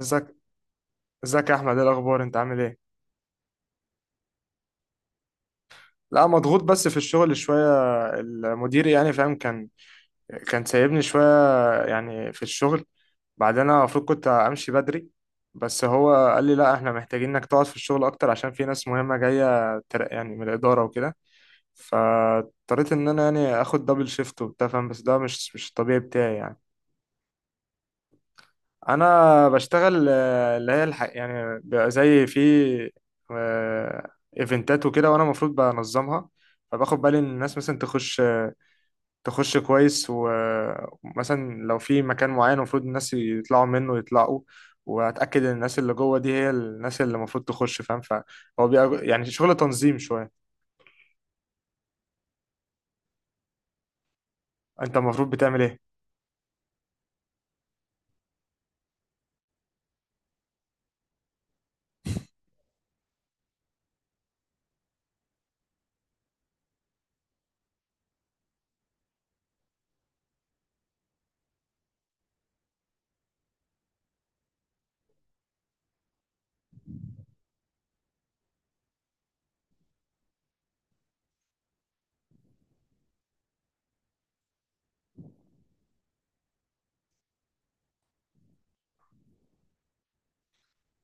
ازيك. ازيك يا احمد، ايه الاخبار؟ انت عامل ايه؟ لا، مضغوط بس في الشغل شويه. المدير فاهم، كان سايبني شويه يعني في الشغل. بعدين انا المفروض كنت امشي بدري، بس هو قال لي لا، احنا محتاجين انك تقعد في الشغل اكتر عشان في ناس مهمه جايه يعني من الاداره وكده. فاضطريت ان انا يعني اخد دبل شيفت وبتاع، فاهم؟ بس ده مش الطبيعي بتاعي يعني. انا بشتغل اللي هي يعني بيبقى زي في آه، ايفنتات وكده، وانا المفروض بنظمها. فباخد بالي ان الناس مثلا تخش كويس، ومثلا لو في مكان معين المفروض الناس يطلعوا منه يطلعوا، واتاكد ان الناس اللي جوه دي هي الناس اللي المفروض تخش، فاهم؟ فهو بيبقى يعني شغل تنظيم شويه. انت المفروض بتعمل ايه؟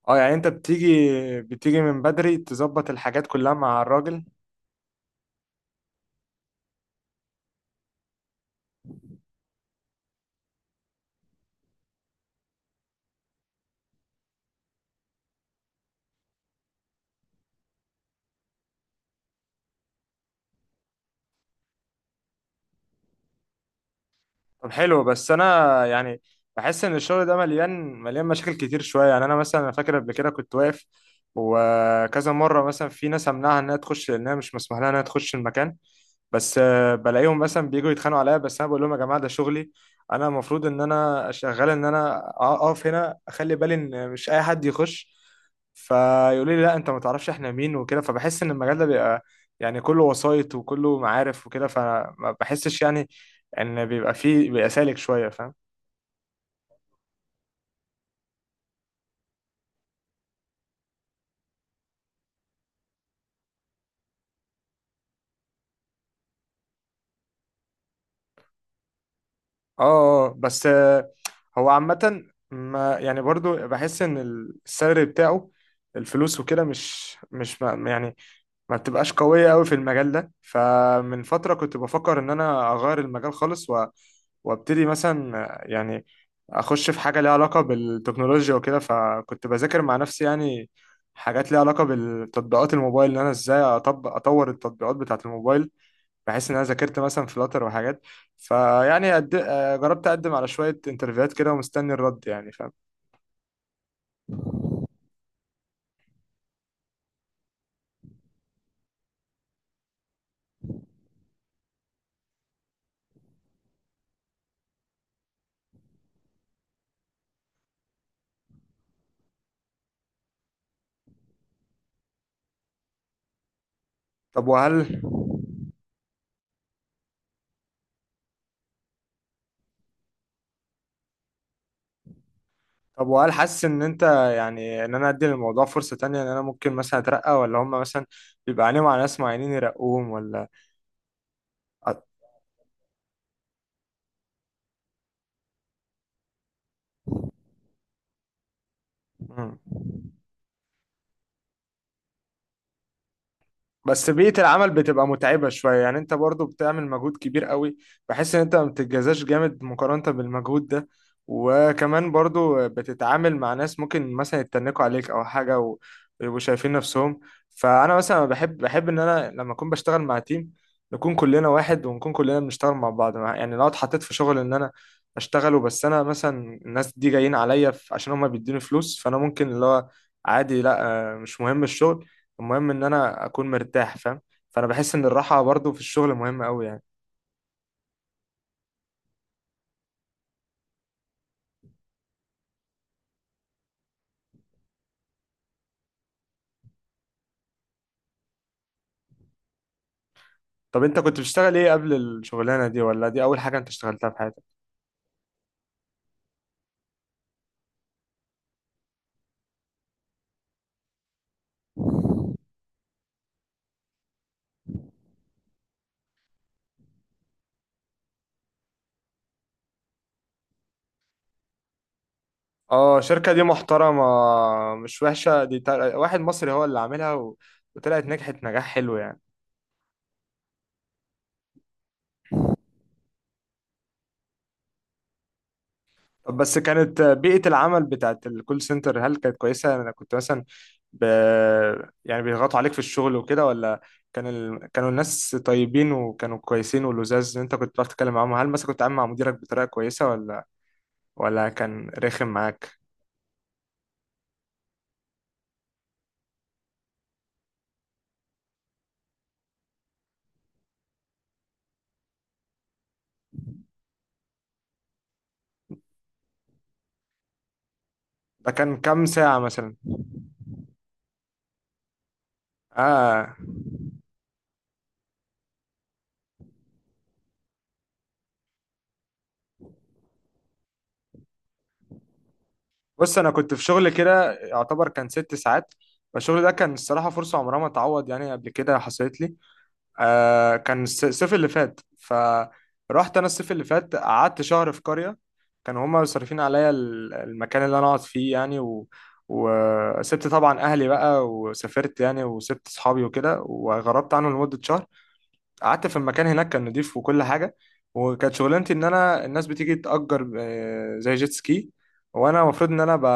اه يعني انت بتيجي بتيجي من بدري تظبط الحاجات كلها مع الراجل؟ طب حلو، بس انا يعني بحس ان الشغل ده مليان مشاكل كتير شويه. يعني انا مثلا، أنا فاكر قبل كده كنت واقف، وكذا مره مثلا في ناس امنعها انها تخش لانها مش مسموح لها انها تخش المكان، بس بلاقيهم مثلا بييجوا يتخانقوا عليا. بس انا بقول لهم يا جماعه ده شغلي، انا المفروض ان انا شغال ان انا اقف هنا اخلي بالي ان مش اي حد يخش. فيقولوا لي لا، انت ما تعرفش احنا مين وكده. فبحس ان المجال ده بيبقى يعني كله وسايط وكله معارف وكده، فما بحسش يعني ان بيبقى سالك شويه، فاهم؟ اه. آه، بس آه، هو عامه، ما يعني برضو بحس ان السالري بتاعه، الفلوس وكده، مش مش ما يعني ما بتبقاش قويه قوي في المجال ده. فمن فتره كنت بفكر ان انا اغير المجال خالص، وابتدي مثلا يعني اخش في حاجه ليها علاقه بالتكنولوجيا وكده. فكنت بذاكر مع نفسي يعني حاجات ليها علاقه بالتطبيقات الموبايل، ان انا ازاي اطور التطبيقات بتاعه الموبايل. بحيث ان انا ذاكرت مثلا فلاتر وحاجات. فيعني أد... آه، جربت اقدم على شويه انترفيوهات كده ومستني الرد، يعني فاهم. طب وهل طب وهل حاسس ان انت يعني ان انا ادي للموضوع فرصه تانية، ان انا ممكن مثلا اترقى، ولا هم مثلا بيبقى عليهم على ناس معينين يرقوهم ولا؟ أ- مم. بس بيئة العمل بتبقى متعبة شوية يعني. انت برضو بتعمل مجهود كبير قوي، بحس ان انت ما بتتجازاش جامد مقارنة بالمجهود ده. وكمان برضو بتتعامل مع ناس ممكن مثلا يتنكوا عليك او حاجة، ويبقوا شايفين نفسهم. فانا مثلا بحب ان انا لما اكون بشتغل مع تيم نكون كلنا واحد، ونكون كلنا بنشتغل مع بعض. يعني لو اتحطيت في شغل ان انا اشتغله، بس انا مثلا الناس دي جايين عليا عشان هما بيدوني فلوس، فانا ممكن اللي هو عادي، لا، مش مهم الشغل، المهم ان انا اكون مرتاح، فاهم؟ فانا بحس ان الراحه برضو في الشغل مهمه قوي يعني. طب انت كنت بتشتغل ايه قبل الشغلانه دي؟ ولا دي اول حاجه انت اشتغلتها في حياتك؟ اه، شركه دي محترمه. مش وحشه دي، واحد مصري هو اللي عاملها وطلعت نجحت نجاح حلو يعني. طب بس كانت بيئه العمل بتاعت الكول سنتر هل كانت كويسه؟ يعني انا كنت مثلا ب... يعني بيضغطوا عليك في الشغل وكده، ولا كان كانوا الناس طيبين وكانوا كويسين ولزاز؟ إن انت كنت بتعرف تتكلم معاهم، هل مثلا كنت عامل مع مديرك بطريقه كويسه، ولا كان رخم معاك؟ ده كان كام ساعة مثلا؟ اه، بص انا كنت في شغل كده يعتبر كان ست ساعات، فالشغل ده كان الصراحة فرصة عمرها ما تعوض يعني. قبل كده حصلت لي، آه، كان الصيف اللي فات، فرحت انا الصيف اللي فات قعدت شهر في قرية. كانوا هما صارفين عليا المكان اللي انا اقعد فيه يعني، وسبت طبعا اهلي بقى وسافرت يعني، وسبت صحابي وكده وغربت عنهم لمدة شهر. قعدت في المكان هناك كان نضيف وكل حاجه، وكانت شغلانتي ان انا الناس بتيجي تأجر زي جيت سكي، وانا المفروض ان انا ب...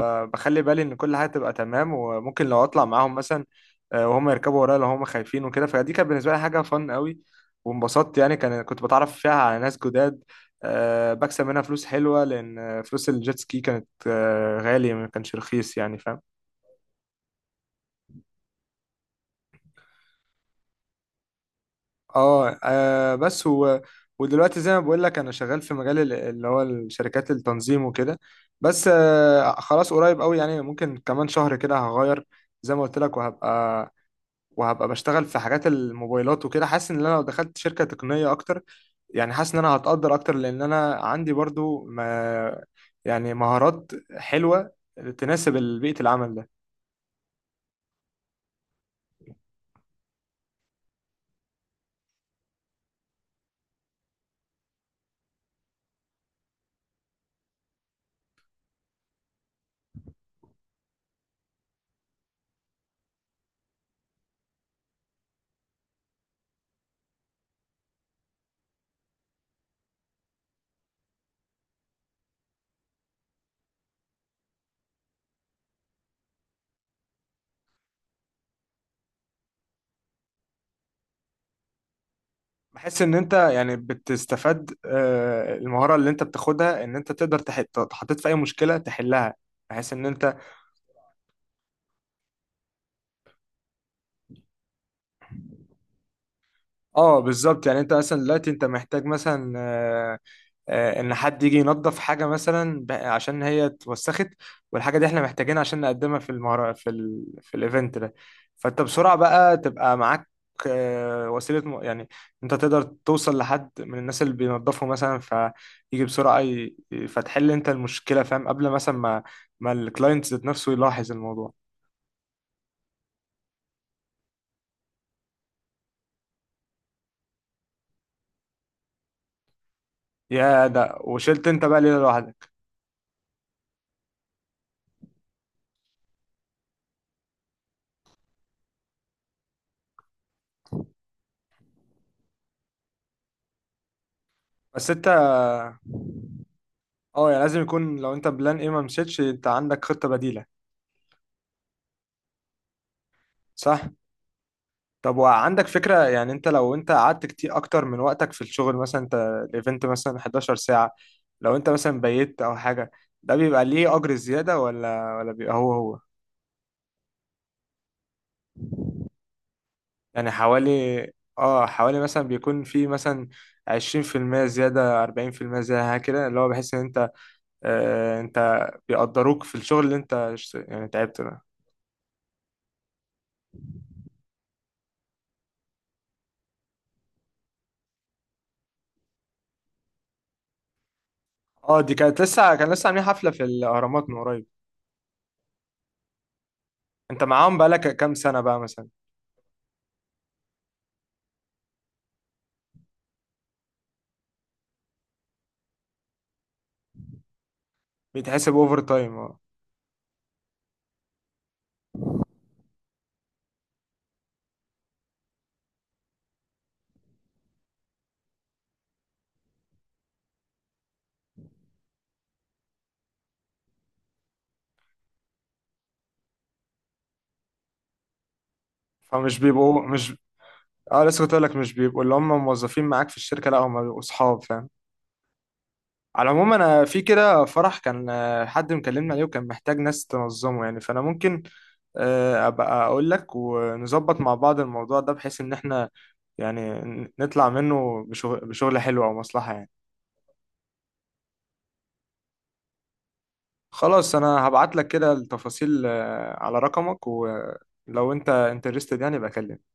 ب... بخلي بالي ان كل حاجه تبقى تمام. وممكن لو اطلع معاهم مثلا، وهم يركبوا ورايا لو هم خايفين وكده. فدي كانت بالنسبه لي حاجه فن قوي وانبسطت يعني، كان كنت بتعرف فيها على ناس جداد، بكسب منها فلوس حلوه، لان فلوس الجيت سكي كانت غاليه، ما كانش رخيص يعني، فاهم؟ اه. ودلوقتي زي ما بقول لك انا شغال في مجال اللي هو الشركات التنظيم وكده. بس خلاص قريب قوي يعني، ممكن كمان شهر كده هغير زي ما قلت لك، وهبقى بشتغل في حاجات الموبايلات وكده. حاسس ان انا لو دخلت شركة تقنية اكتر يعني، حاسس ان انا هتقدر اكتر، لان انا عندي برضو ما يعني مهارات حلوة تناسب بيئة العمل. بحس ان انت يعني بتستفاد، المهاره اللي انت بتاخدها ان انت تقدر تحطيت في اي مشكله تحلها، بحيث ان انت. اه بالظبط. يعني انت مثلا دلوقتي انت محتاج مثلا ان حد يجي ينظف حاجه مثلا عشان هي اتوسخت، والحاجه دي احنا محتاجينها عشان نقدمها في في الايفنت ده. فانت بسرعه بقى تبقى معاك وسيله يعني انت تقدر توصل لحد من الناس اللي بينظفوا مثلا، فيجي بسرعه فتحل انت المشكله، فاهم، قبل مثلا ما الكلاينت ذات نفسه يلاحظ الموضوع. يا ده وشلت انت بقى ليله لوحدك. بس انت، اه يعني لازم يكون، لو انت بلان ايه ما مشيتش انت عندك خطه بديله. صح. طب وعندك فكرة، يعني انت لو انت قعدت كتير اكتر من وقتك في الشغل، مثلا انت الايفنت مثلا 11 ساعة، لو انت مثلا بيت او حاجة، ده بيبقى ليه اجر زيادة ولا بيبقى هو هو؟ يعني حوالي، اه حوالي مثلا بيكون في مثلا 20% زيادة، 40% زيادة كده، اللي هو بحيث ان انت، آه انت بيقدروك في الشغل اللي انت يعني تعبت ده. اه، دي كانت لسه، كان لسه عاملين حفلة في الاهرامات من قريب. انت معاهم بقالك كام سنة بقى مثلا؟ بيتحسب اوفر تايم. فمش بيبقوا مش، اه لسه كنت اقول لك، مش بيبقوا اللي هم موظفين معاك في الشركه، لا هم بيبقوا اصحاب، فاهم. على العموم انا في كده فرح، كان حد مكلمني عليه وكان محتاج ناس تنظمه يعني، فانا ممكن ابقى اقول لك ونظبط مع بعض الموضوع ده، بحيث ان احنا يعني نطلع منه بشغل, بشغل حلو او مصلحه يعني. خلاص انا هبعت لك كده التفاصيل على رقمك، ولو انت انترستد يعني بكلمك.